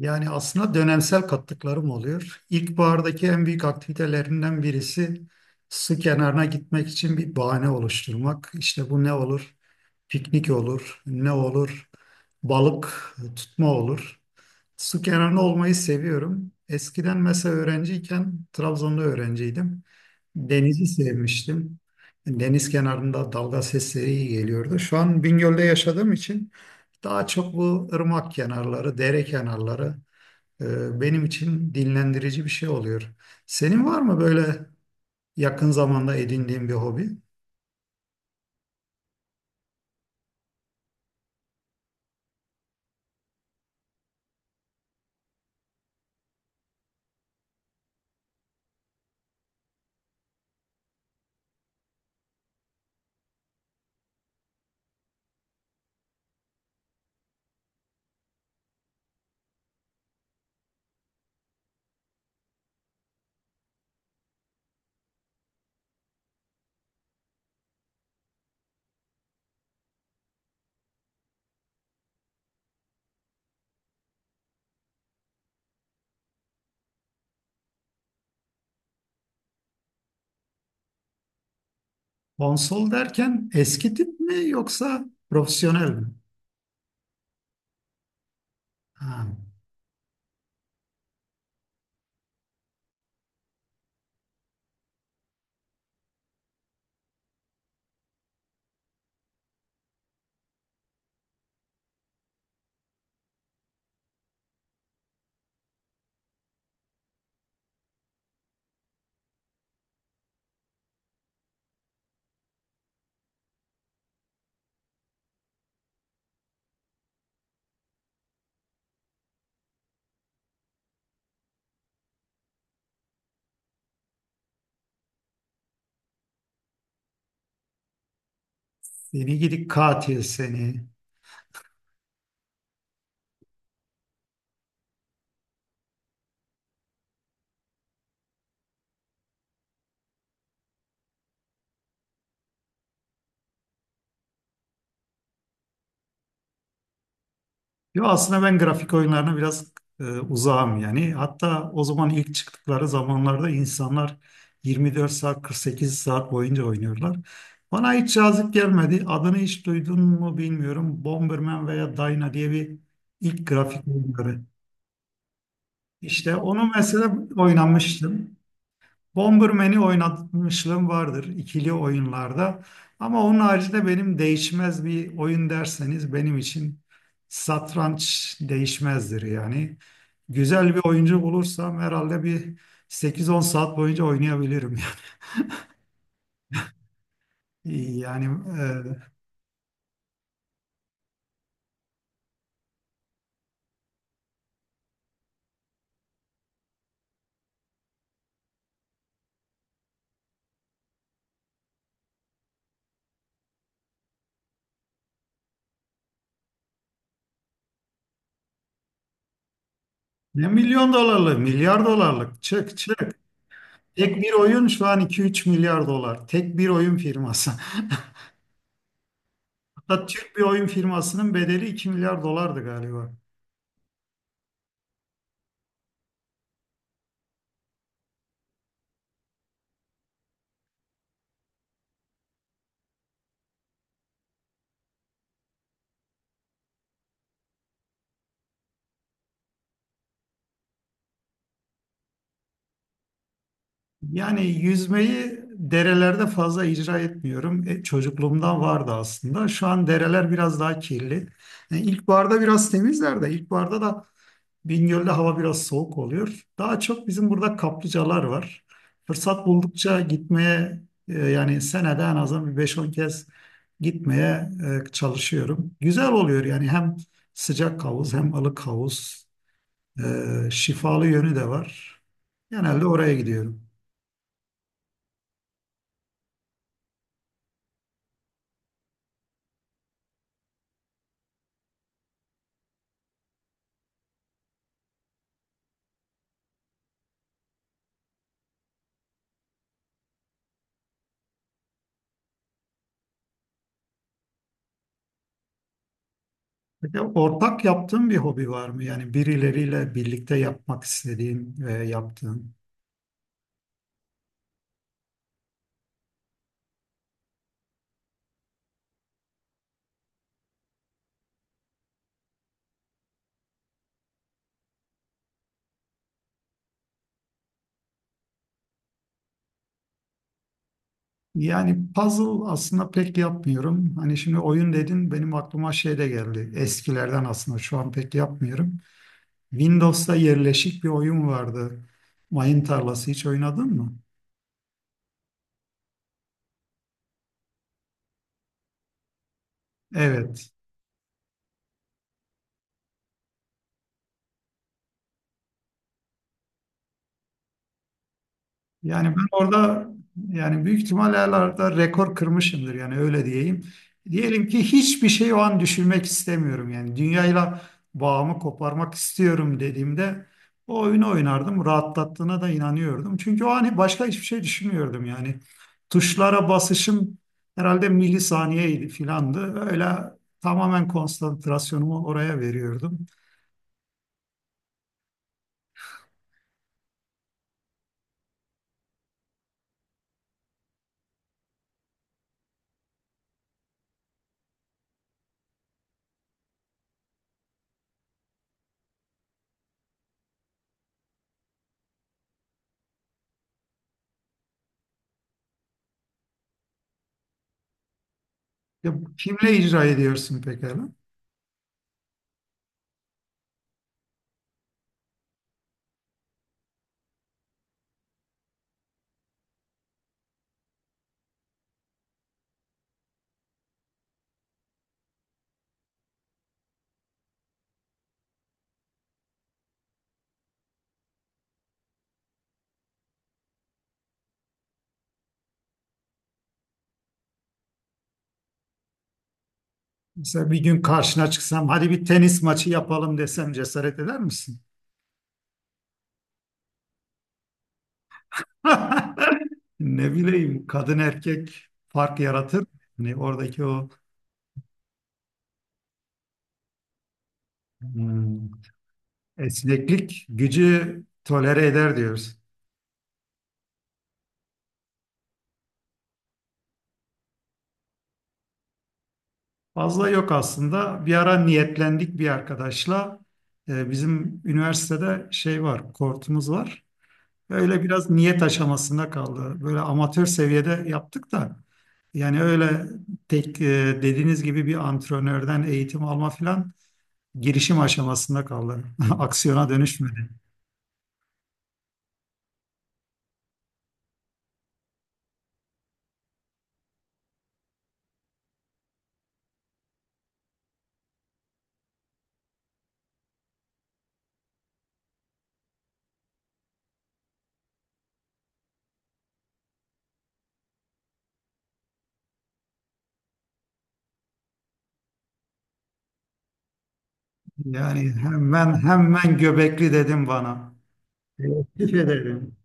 Yani aslında dönemsel katlıklarım oluyor. İlkbahardaki en büyük aktivitelerinden birisi su kenarına gitmek için bir bahane oluşturmak. İşte bu ne olur? Piknik olur, ne olur? Balık tutma olur. Su kenarında olmayı seviyorum. Eskiden mesela öğrenciyken, Trabzon'da öğrenciydim. Denizi sevmiştim. Deniz kenarında dalga sesleri iyi geliyordu. Şu an Bingöl'de yaşadığım için daha çok bu ırmak kenarları, dere kenarları benim için dinlendirici bir şey oluyor. Senin var mı böyle yakın zamanda edindiğin bir hobi? Konsol derken eski tip mi yoksa profesyonel mi? Ha, seni gidik katil seni. Yo, aslında ben grafik oyunlarına biraz uzağım yani. Hatta o zaman ilk çıktıkları zamanlarda insanlar 24 saat 48 saat boyunca oynuyorlar. Bana hiç cazip gelmedi. Adını hiç duydun mu bilmiyorum. Bomberman veya Dyna diye bir ilk grafik oyunları. İşte onu mesela oynamıştım. Bomberman'i oynatmışlığım vardır ikili oyunlarda. Ama onun haricinde benim değişmez bir oyun derseniz benim için satranç değişmezdir yani. Güzel bir oyuncu bulursam herhalde bir sekiz on saat boyunca oynayabilirim. Yani e, Ne milyon dolarlık, milyar dolarlık çık çık. Tek bir oyun şu an iki üç milyar dolar. Tek bir oyun firması. Hatta Türk bir oyun firmasının bedeli 2 milyar dolardı galiba. Yani yüzmeyi derelerde fazla icra etmiyorum. E, çocukluğumdan vardı aslında. Şu an dereler biraz daha kirli. Yani ilkbaharda biraz temizler de ilkbaharda da Bingöl'de hava biraz soğuk oluyor. Daha çok bizim burada kaplıcalar var. Fırsat buldukça gitmeye yani senede en azından bir beş on kez gitmeye çalışıyorum. Güzel oluyor yani hem sıcak havuz hem ılık havuz. E, şifalı yönü de var. Genelde oraya gidiyorum. Peki ortak yaptığın bir hobi var mı? Yani birileriyle birlikte yapmak istediğin ve yaptığın. Yani puzzle aslında pek yapmıyorum. Hani şimdi oyun dedin benim aklıma şey de geldi. Eskilerden aslında şu an pek yapmıyorum. Windows'ta yerleşik bir oyun vardı. Mayın tarlası hiç oynadın mı? Evet. Yani ben orada yani büyük ihtimal herhalde rekor kırmışımdır yani öyle diyeyim. Diyelim ki hiçbir şey o an düşünmek istemiyorum yani dünyayla bağımı koparmak istiyorum dediğimde o oyunu oynardım. Rahatlattığına da inanıyordum. Çünkü o an başka hiçbir şey düşünmüyordum yani. Tuşlara basışım herhalde milisaniyeydi filandı. Öyle tamamen konsantrasyonumu oraya veriyordum. Ya, kimle icra ediyorsun pekala? Mesela bir gün karşına çıksam hadi bir tenis maçı yapalım desem cesaret eder misin? Ne bileyim, kadın erkek fark yaratır. Hani oradaki o hmm, esneklik gücü tolere eder diyoruz. Fazla yok aslında. Bir ara niyetlendik bir arkadaşla. Bizim üniversitede şey var, kortumuz var. Öyle biraz niyet aşamasında kaldı. Böyle amatör seviyede yaptık da. Yani öyle tek e, dediğiniz gibi bir antrenörden eğitim alma filan girişim aşamasında kaldı. Aksiyona dönüşmedi. Yani hemen hemen göbekli dedim bana. Teşekkür ederim.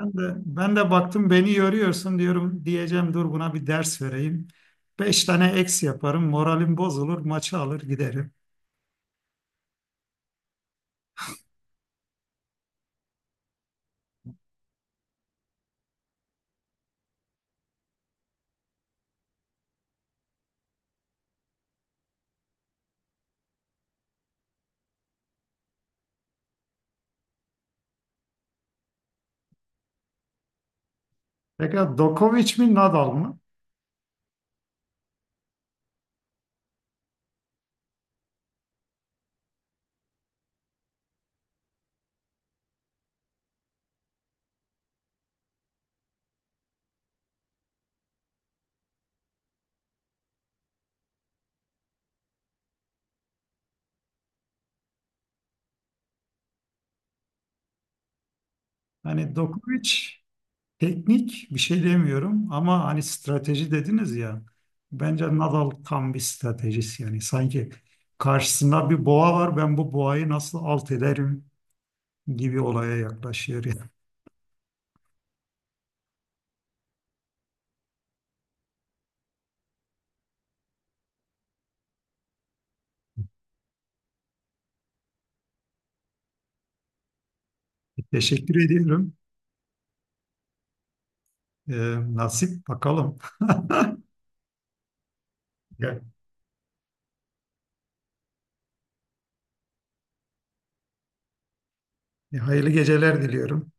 Ben de baktım beni yoruyorsun diyorum diyeceğim dur buna bir ders vereyim. Beş tane eks yaparım moralim bozulur maçı alır giderim. Pekala Dokovic mi Nadal mı? Hani Dokovic teknik bir şey demiyorum ama hani strateji dediniz ya. Bence Nadal tam bir stratejist yani sanki karşısında bir boğa var ben bu boğayı nasıl alt ederim gibi olaya yaklaşıyor. Yani. Teşekkür ediyorum. Ee, Nasip bakalım. Hayırlı geceler diliyorum.